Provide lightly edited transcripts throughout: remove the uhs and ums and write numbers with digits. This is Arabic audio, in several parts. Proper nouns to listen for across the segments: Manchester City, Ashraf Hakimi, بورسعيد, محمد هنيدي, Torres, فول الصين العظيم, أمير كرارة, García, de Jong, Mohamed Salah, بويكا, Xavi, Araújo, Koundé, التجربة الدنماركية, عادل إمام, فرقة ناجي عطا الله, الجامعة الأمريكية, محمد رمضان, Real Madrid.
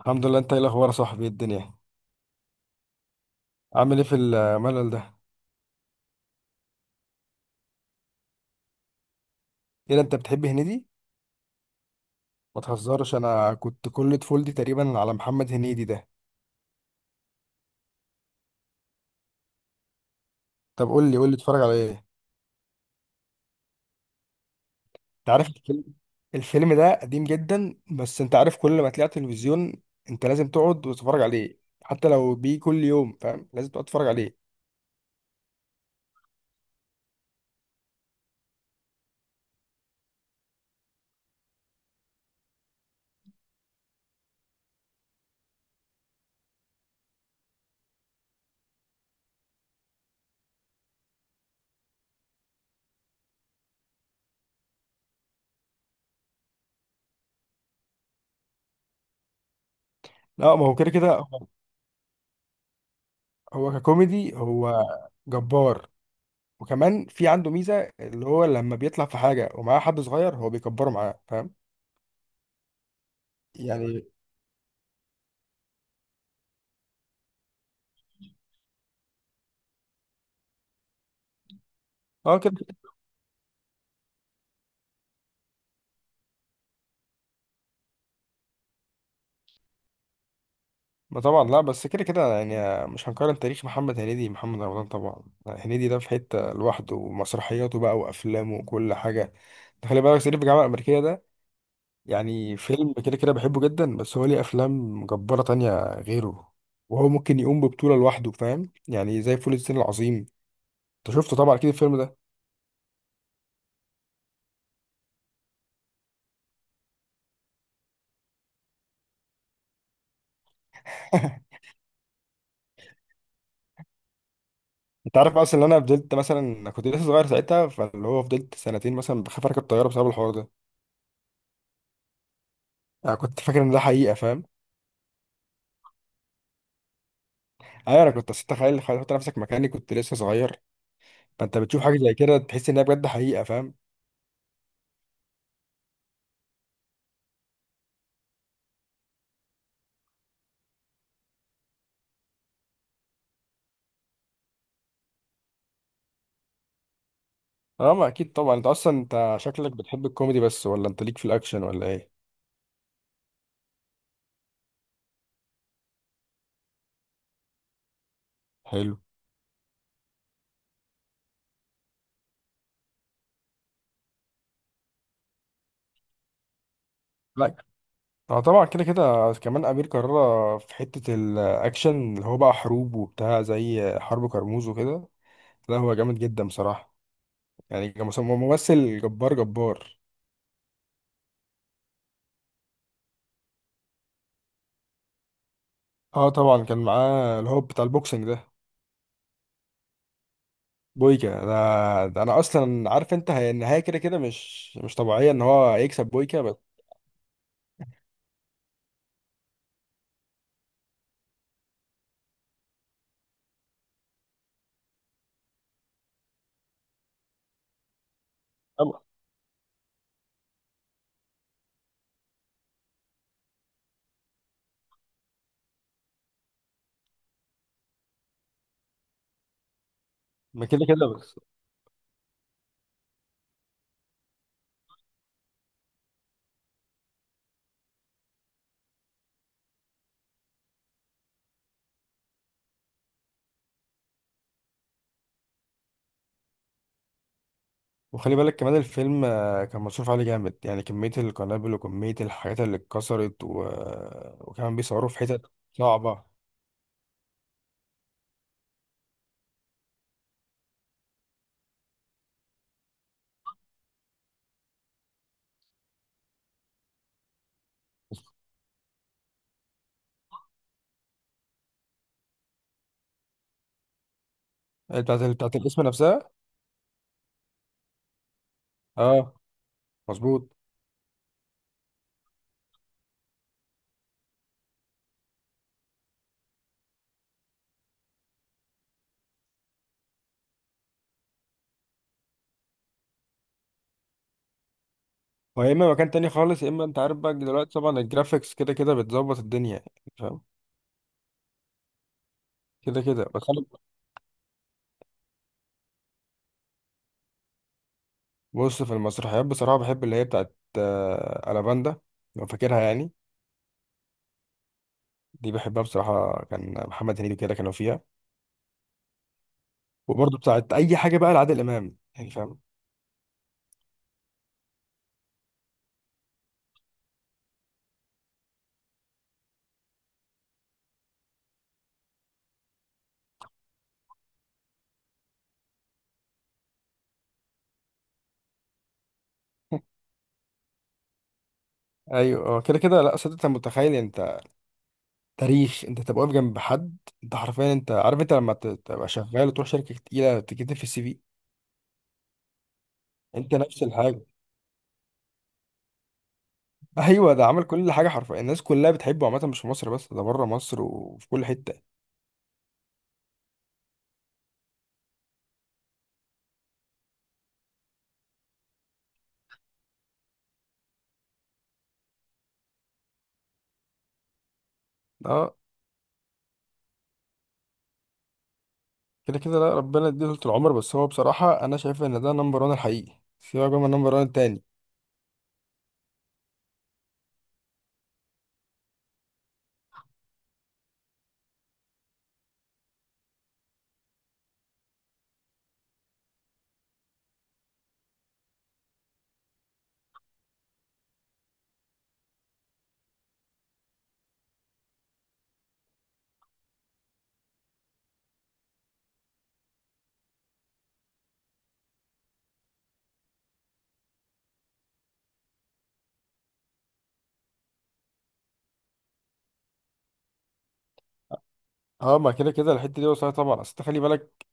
الحمد لله. انت ايه الاخبار يا صاحبي؟ ايه الدنيا؟ عامل ايه في الملل ده؟ ايه ده انت بتحب هنيدي؟ ما تهزرش، انا كنت كل طفولتي تقريبا على محمد هنيدي ده. طب قول لي اتفرج على ايه؟ انت عارف الفيلم؟ الفيلم ده قديم جدا، بس انت عارف كل ما تلاقي على التلفزيون انت لازم تقعد وتتفرج عليه. حتى لو بيه كل يوم، فاهم؟ لازم تقعد تتفرج عليه. لا، ما هو كده كده هو، هو ككوميدي هو جبار. وكمان في عنده ميزة اللي هو لما بيطلع في حاجة ومعاه حد صغير هو بيكبره معاه، فاهم يعني؟ اه كده. ما طبعا، لا بس كده كده يعني مش هنقارن تاريخ محمد هنيدي، محمد رمضان طبعا. هنيدي ده في حتة لوحده، ومسرحياته بقى وأفلامه وكل حاجة. ده خلي بالك صعيدي في الجامعة الأمريكية ده يعني فيلم كده كده بحبه جدا، بس هو ليه أفلام جبارة تانية غيره. وهو ممكن يقوم ببطولة لوحده، فاهم يعني؟ زي فول الصين العظيم. انت شفته طبعا اكيد الفيلم ده. انت عارف اصلا ان انا فضلت مثلا، أنا كنت لسه صغير ساعتها، فاللي هو فضلت سنتين مثلا بخاف اركب طياره بسبب الحوار ده. انا كنت فاكر ان ده حقيقه، فاهم؟ ايوه انا كنت، أصل تخيل تحط نفسك مكاني، كنت لسه صغير. فانت بتشوف حاجه زي كده تحس انها بجد حقيقه، فاهم؟ اه ما اكيد طبعا. انت اصلا انت شكلك بتحب الكوميدي بس، ولا انت ليك في الاكشن، ولا ايه؟ حلو. لا. اه طبعا، كده كده كمان امير كرارة في حته الاكشن اللي هو بقى حروب وبتاع، زي حرب كرموز وكده. لا هو جامد جدا بصراحه، يعني ممثل جبار جبار. اه طبعا كان معاه اللي هو بتاع البوكسنج ده، بويكا. انا ده انا اصلا عارف انت، هي النهايه كده كده مش طبيعيه ان هو يكسب بويكا، بس طبعا. ما كده كده بس. وخلي بالك كمان الفيلم كان مصروف عليه جامد، يعني كميه القنابل وكميه الحاجات اللي اتكسرت و... وكمان بيصوروا في حتت صعبه. بتاعت الاسم نفسها. اه مظبوط. ويا اما مكان تاني خالص، يا اما انت عارف بقى دلوقتي طبعا الجرافيكس كده كده بتظبط الدنيا، فاهم؟ كده كده بس انا. بص، في المسرحيات بصراحه بحب اللي هي بتاعت الافاندا، لو فاكرها يعني. دي بحبها بصراحة، كان محمد هنيدي كده كانوا فيها. وبرضه بتاعت أي حاجة بقى لعادل إمام، يعني فاهم؟ أيوه كده كده. لا صدق أنت متخيل أنت تاريخ، أنت تبقى واقف جنب حد. أنت حرفيا أنت عارف أنت لما تبقى شغال وتروح شركة تقيلة تكتب في السي في، أنت نفس الحاجة. أيوه، ده عمل كل حاجة حرفيا، الناس كلها بتحبه عامة مش في مصر بس، ده بره مصر وفي كل حتة. أه كده كده. لا ربنا يديه طول العمر، بس هو بصراحة أنا شايف إن ده نمبر 1 الحقيقي، سيبك بقى من نمبر 1 التاني. اه ما كده كده الحته دي وصلت طبعا. اصل أنت خلي بالك،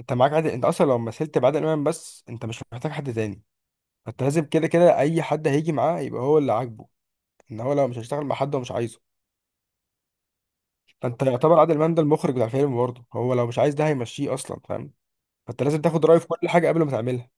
انت معاك عادل، انت اصلا لو مثلت بعادل امام بس انت مش محتاج حد تاني. فانت لازم كده كده اي حد هيجي معاه يبقى هو اللي عاجبه، ان هو لو مش هيشتغل مع حد هو مش عايزه. فانت يعتبر عادل امام ده المخرج بتاع الفيلم برضه، هو لو مش عايز ده هيمشيه اصلا، فاهم؟ فانت لازم تاخد رايه في كل حاجه قبل ما تعملها.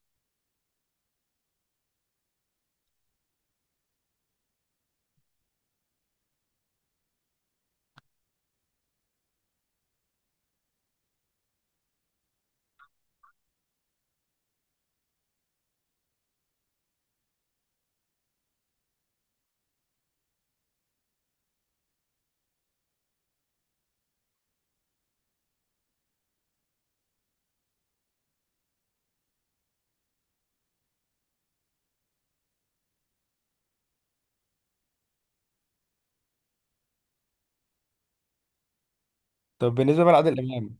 طب بالنسبه بقى لعادل امام،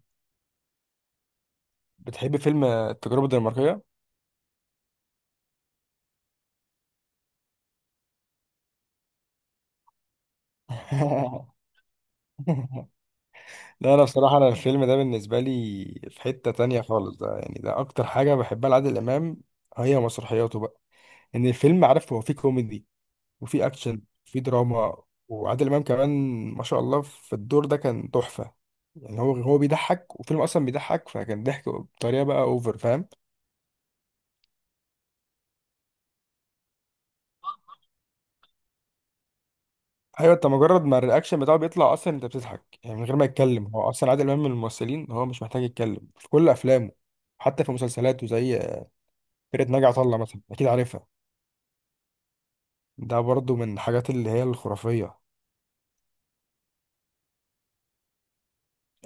بتحب فيلم التجربه الدنماركيه؟ لا انا بصراحه انا الفيلم ده بالنسبه لي في حته تانية خالص. ده يعني ده اكتر حاجه بحبها لعادل امام، هي مسرحياته بقى. ان الفيلم عارف هو فيه كوميدي وفي اكشن وفي دراما، وعادل امام كمان ما شاء الله في الدور ده كان تحفه. يعني هو، هو بيضحك وفيلم اصلا بيضحك، فكان ضحك بطريقه بقى اوفر، فاهم؟ ايوه، انت مجرد ما الرياكشن بتاعه بيطلع اصلا انت بتضحك، يعني من غير ما يتكلم. هو اصلا عادل امام من الممثلين هو مش محتاج يتكلم في كل افلامه. حتى في مسلسلاته زي فرقه ناجي عطا الله مثلا، اكيد عارفها. ده برضو من الحاجات اللي هي الخرافيه.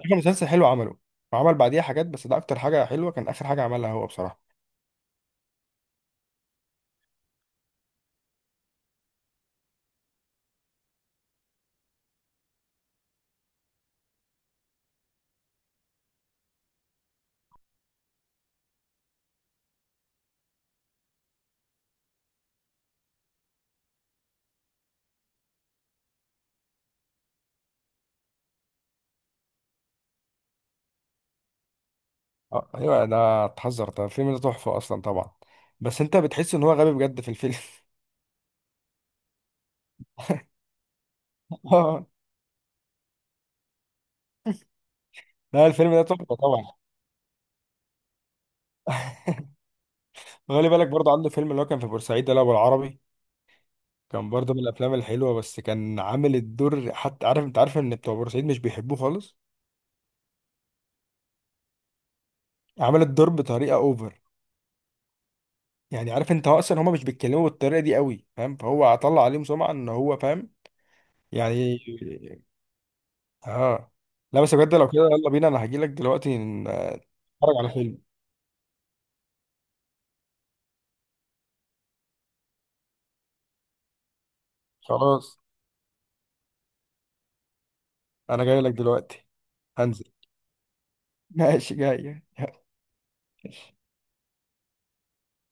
اخر مسلسل حلو عمله، وعمل بعديها حاجات بس ده اكتر حاجه حلوه كان اخر حاجه عملها هو بصراحه. ايوه ده اتحذر ده، الفيلم ده تحفه اصلا طبعا، بس انت بتحس ان هو غبي بجد في الفيلم. اه. لا الفيلم ده تحفه طبعا. خلي بالك برضه عنده فيلم اللي هو كان في بورسعيد ده اللي هو بالعربي، كان برضه من الافلام الحلوه. بس كان عامل الدور، حتى عارف انت عارف ان بتوع بورسعيد مش بيحبوه خالص، عامل الدور بطريقه اوفر. يعني عارف انت هو اصلا هما مش بيتكلموا بالطريقه دي قوي، فاهم؟ فهو طلع عليهم سمعه ان هو، فاهم يعني؟ اه. لا بس بجد لو كده يلا بينا، انا هجيلك دلوقتي نتفرج على فيلم. خلاص انا جاي لك دلوقتي. هنزل. ماشي جاي. يلا.